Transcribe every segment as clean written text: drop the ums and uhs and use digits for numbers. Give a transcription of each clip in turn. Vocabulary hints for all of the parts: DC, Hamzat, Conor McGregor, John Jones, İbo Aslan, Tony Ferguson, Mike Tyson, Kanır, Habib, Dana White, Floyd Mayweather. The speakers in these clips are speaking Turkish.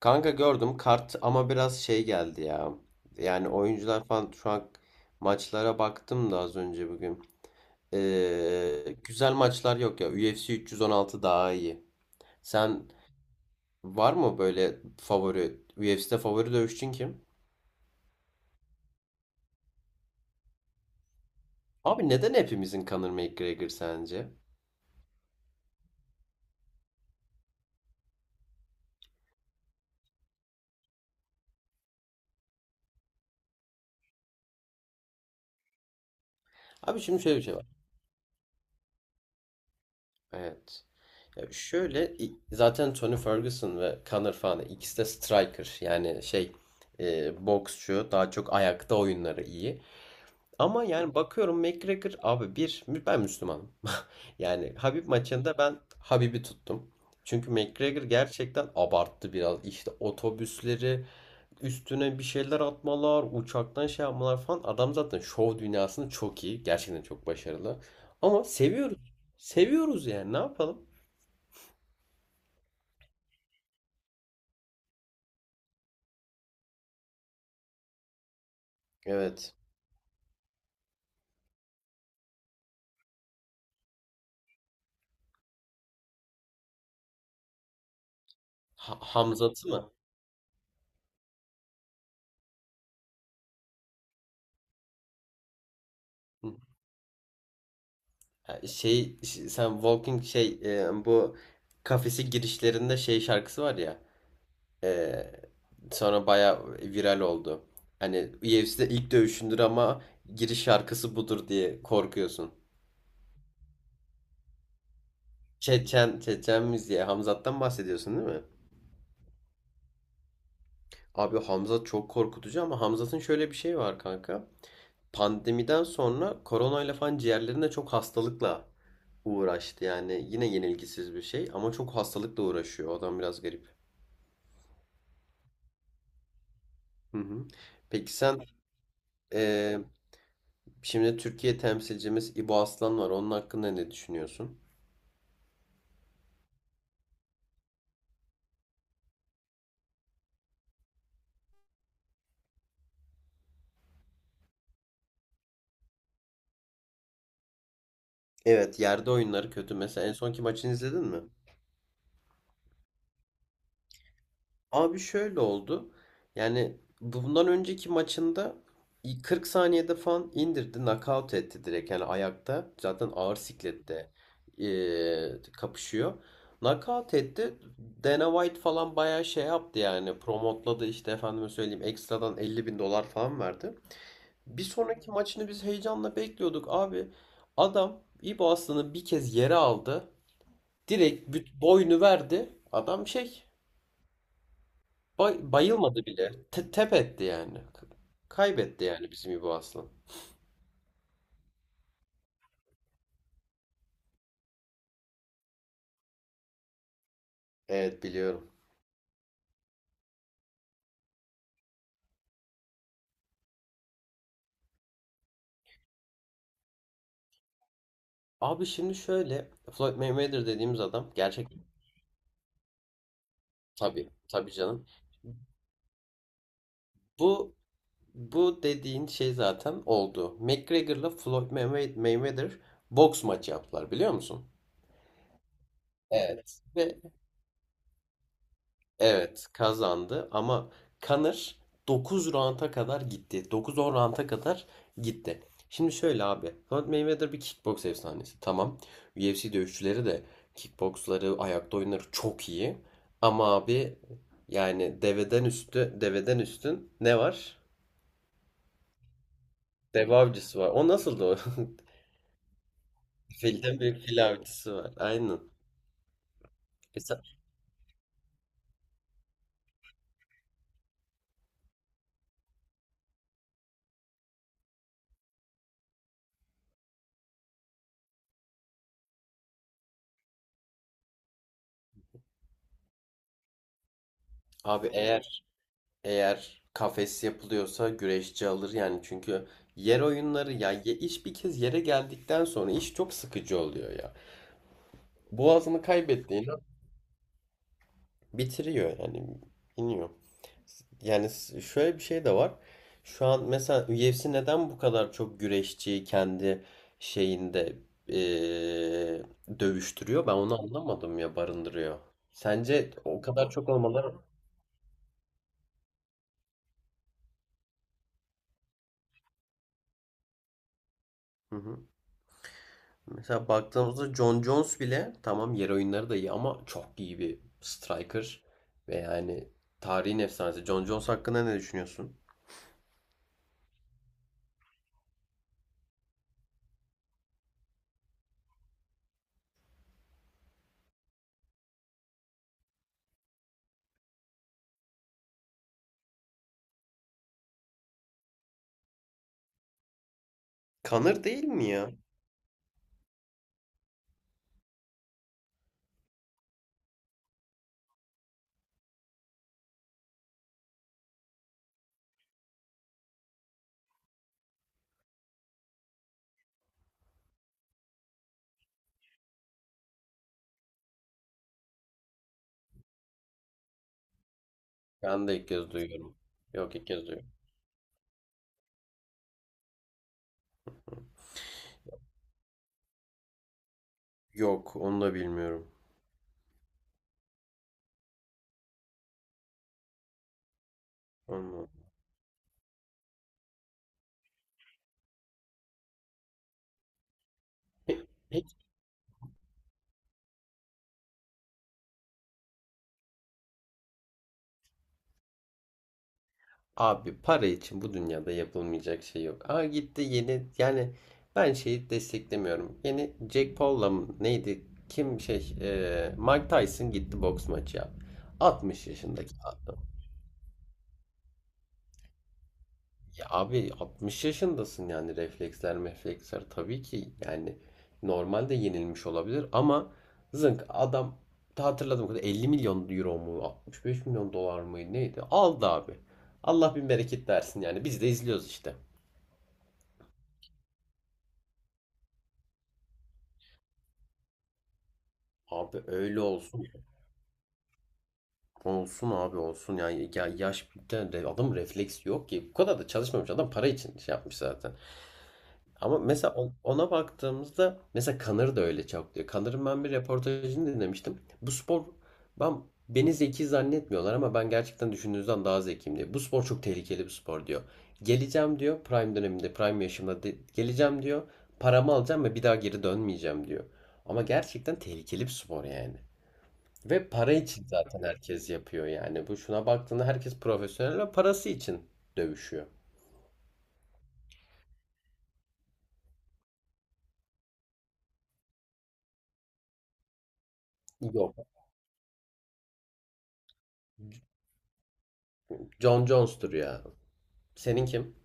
Kanka gördüm kart ama biraz geldi ya. Yani oyuncular falan şu an maçlara baktım da az önce bugün. Güzel maçlar yok ya. UFC 316 daha iyi. Sen var mı böyle favori UFC'de favori dövüşçün kim? Abi neden hepimizin Conor McGregor sence? Abi şimdi şöyle bir şey var. Evet. Zaten Tony Ferguson ve Conor falan ikisi de striker, yani boksçu, daha çok ayakta oyunları iyi. Ama yani bakıyorum McGregor abi, ben Müslümanım. Yani Habib maçında ben Habib'i tuttum. Çünkü McGregor gerçekten abarttı biraz. İşte otobüsleri üstüne bir şeyler atmalar, uçaktan şey yapmalar falan. Adam zaten şov dünyasında çok iyi. Gerçekten çok başarılı. Ama seviyoruz. Seviyoruz, yani ne yapalım? Evet. Hamzat'ı mı? Hı. Sen Walking bu kafesi girişlerinde şey şarkısı var ya. Ee, Sonra baya viral oldu. Hani UFC'de ilk dövüşündür ama giriş şarkısı budur diye korkuyorsun. Çeçen, Çeçen diye Hamzat'tan bahsediyorsun değil mi? Abi Hamzat çok korkutucu, ama Hamzat'ın şöyle bir şey var kanka. Pandemiden sonra koronayla falan ciğerlerinde çok hastalıkla uğraştı. Yani yine yenilgisiz bir şey, ama çok hastalıkla uğraşıyor. O adam biraz garip. Hı hı. Peki sen, eee, şimdi Türkiye temsilcimiz İbo Aslan var. Onun hakkında ne düşünüyorsun? Evet, yerde oyunları kötü. Mesela en sonki maçını izledin mi? Abi şöyle oldu. Yani bundan önceki maçında 40 saniyede falan indirdi, knockout etti direkt. Yani ayakta zaten ağır siklette kapışıyor. Knockout etti. Dana White falan bayağı şey yaptı yani. Promotladı işte, efendime söyleyeyim. Ekstradan 50 bin dolar falan verdi. Bir sonraki maçını biz heyecanla bekliyorduk. Abi adam İbo Aslan'ı bir kez yere aldı. Direkt boynu verdi. Adam şey, bayılmadı bile. Tep etti yani. Kaybetti yani bizim İbo Aslan. Evet, biliyorum. Abi şimdi şöyle, Floyd Mayweather dediğimiz adam gerçek, tabii tabii canım. Bu bu dediğin şey zaten oldu. McGregor'la Mayweather boks maçı yaptılar, biliyor musun? Evet. Evet, kazandı, ama Conor 9 rounda kadar gitti. Dokuz on rounda kadar gitti. Şimdi şöyle abi. Floyd Mayweather bir kickboks efsanesi. Tamam. UFC dövüşçüleri de kickboksları, ayakta oyunları çok iyi. Ama abi yani deveden üstün ne var? Dev avcısı var. O nasıldı o? Filden büyük fil avcısı var. Aynen. E sen- Abi eğer kafes yapılıyorsa güreşçi alır yani, çünkü yer oyunları ya, iş bir kez yere geldikten sonra iş çok sıkıcı oluyor ya. Boğazını kaybettiğini bitiriyor yani, iniyor. Şöyle bir şey de var. Şu an mesela UFC neden bu kadar çok güreşçiyi kendi şeyinde, eee, dövüştürüyor? Ben onu anlamadım ya, barındırıyor. Sence o kadar çok olmaları... Hı hı. Mesela baktığımızda John Jones bile, tamam, yer oyunları da iyi ama çok iyi bir striker ve yani tarihin efsanesi. John Jones hakkında ne düşünüyorsun? Kanır değil mi ya? Ben de ilk kez duyuyorum. Yok, ilk kez duyuyorum. Yok, onu da bilmiyorum. Allah. Pe- Peki abi, para için bu dünyada yapılmayacak şey yok. Aa, gitti yeni yani, ben şeyi desteklemiyorum. Yeni Jack Paul'la mı neydi? Kim Mike Tyson gitti boks maçı yaptı. 60 yaşındaki adam. Ya abi 60 yaşındasın yani, refleksler tabii ki yani normalde yenilmiş olabilir ama zınk, adam ta hatırladığım kadar 50 milyon euro mu, 65 milyon dolar mı neydi, aldı abi. Allah bin bereket versin yani, biz de izliyoruz işte. Abi öyle olsun. Olsun abi, olsun. Yani ya yaş bir tane de adam refleks yok ki. Bu kadar da çalışmamış adam, para için şey yapmış zaten. Ama mesela ona baktığımızda mesela Kanır da öyle çok diyor. Kanır'ın ben bir reportajını dinlemiştim. Bu spor, ben, beni zeki zannetmiyorlar ama ben gerçekten düşündüğünüzden daha zekiyim, diyor. Bu spor çok tehlikeli bir spor, diyor. Geleceğim diyor, prime döneminde, prime yaşımda geleceğim diyor. Paramı alacağım ve bir daha geri dönmeyeceğim, diyor. Ama gerçekten tehlikeli bir spor yani. Ve para için zaten herkes yapıyor yani. Bu, şuna baktığında herkes profesyonel ve parası için dövüşüyor. Yok. John Jones'tur ya. Senin kim?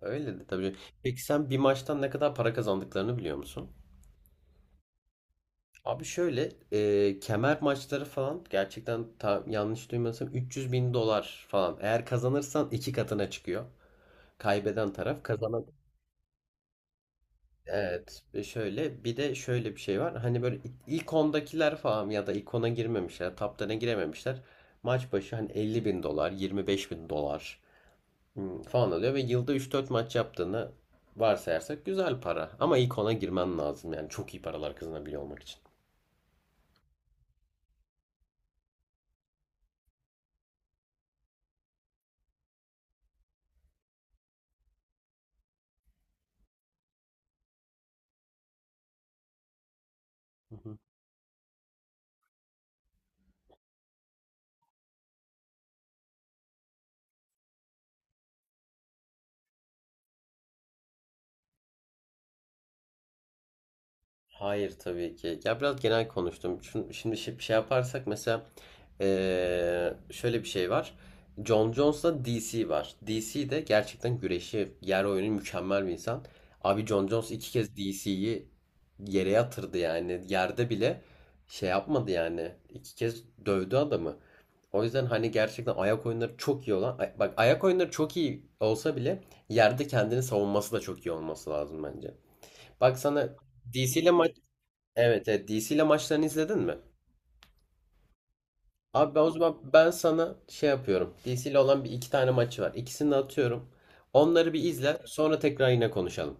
Öyle de tabii. Peki sen bir maçtan ne kadar para kazandıklarını biliyor musun? Abi şöyle, kemer maçları falan gerçekten, yanlış duymasam 300 bin dolar falan. Eğer kazanırsan iki katına çıkıyor. Kaybeden taraf, kazanan. Evet, ve şöyle, bir de şöyle bir şey var. Hani böyle ilk 10'dakiler falan, ya da ilk 10'a girmemişler, top 10'a girememişler. Maç başı hani 50 bin dolar, 25 bin dolar falan alıyor ve yılda üç dört maç yaptığını varsayarsak güzel para. Ama ilk 10'a girmen lazım yani çok iyi paralar kazanabiliyor olmak için. Hayır, tabii ki. Ya biraz genel konuştum. Şimdi şey yaparsak mesela, şöyle bir şey var. Jon Jones'la DC var. DC de gerçekten güreşi, yer oyunu mükemmel bir insan. Abi Jon Jones iki kez DC'yi yere yatırdı yani. Yerde bile şey yapmadı yani. İki kez dövdü adamı. O yüzden hani gerçekten ayak oyunları çok iyi olan, bak, ayak oyunları çok iyi olsa bile yerde kendini savunması da çok iyi olması lazım bence. Bak sana DC ile. Evet, evet. DC ile maçlarını izledin mi? Abi ben o zaman, ben sana şey yapıyorum. DC ile olan bir iki tane maçı var. İkisini de atıyorum. Onları bir izle. Sonra tekrar yine konuşalım.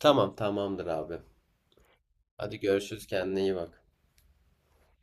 Tamam, tamamdır abi. Hadi görüşürüz. Kendine iyi bak.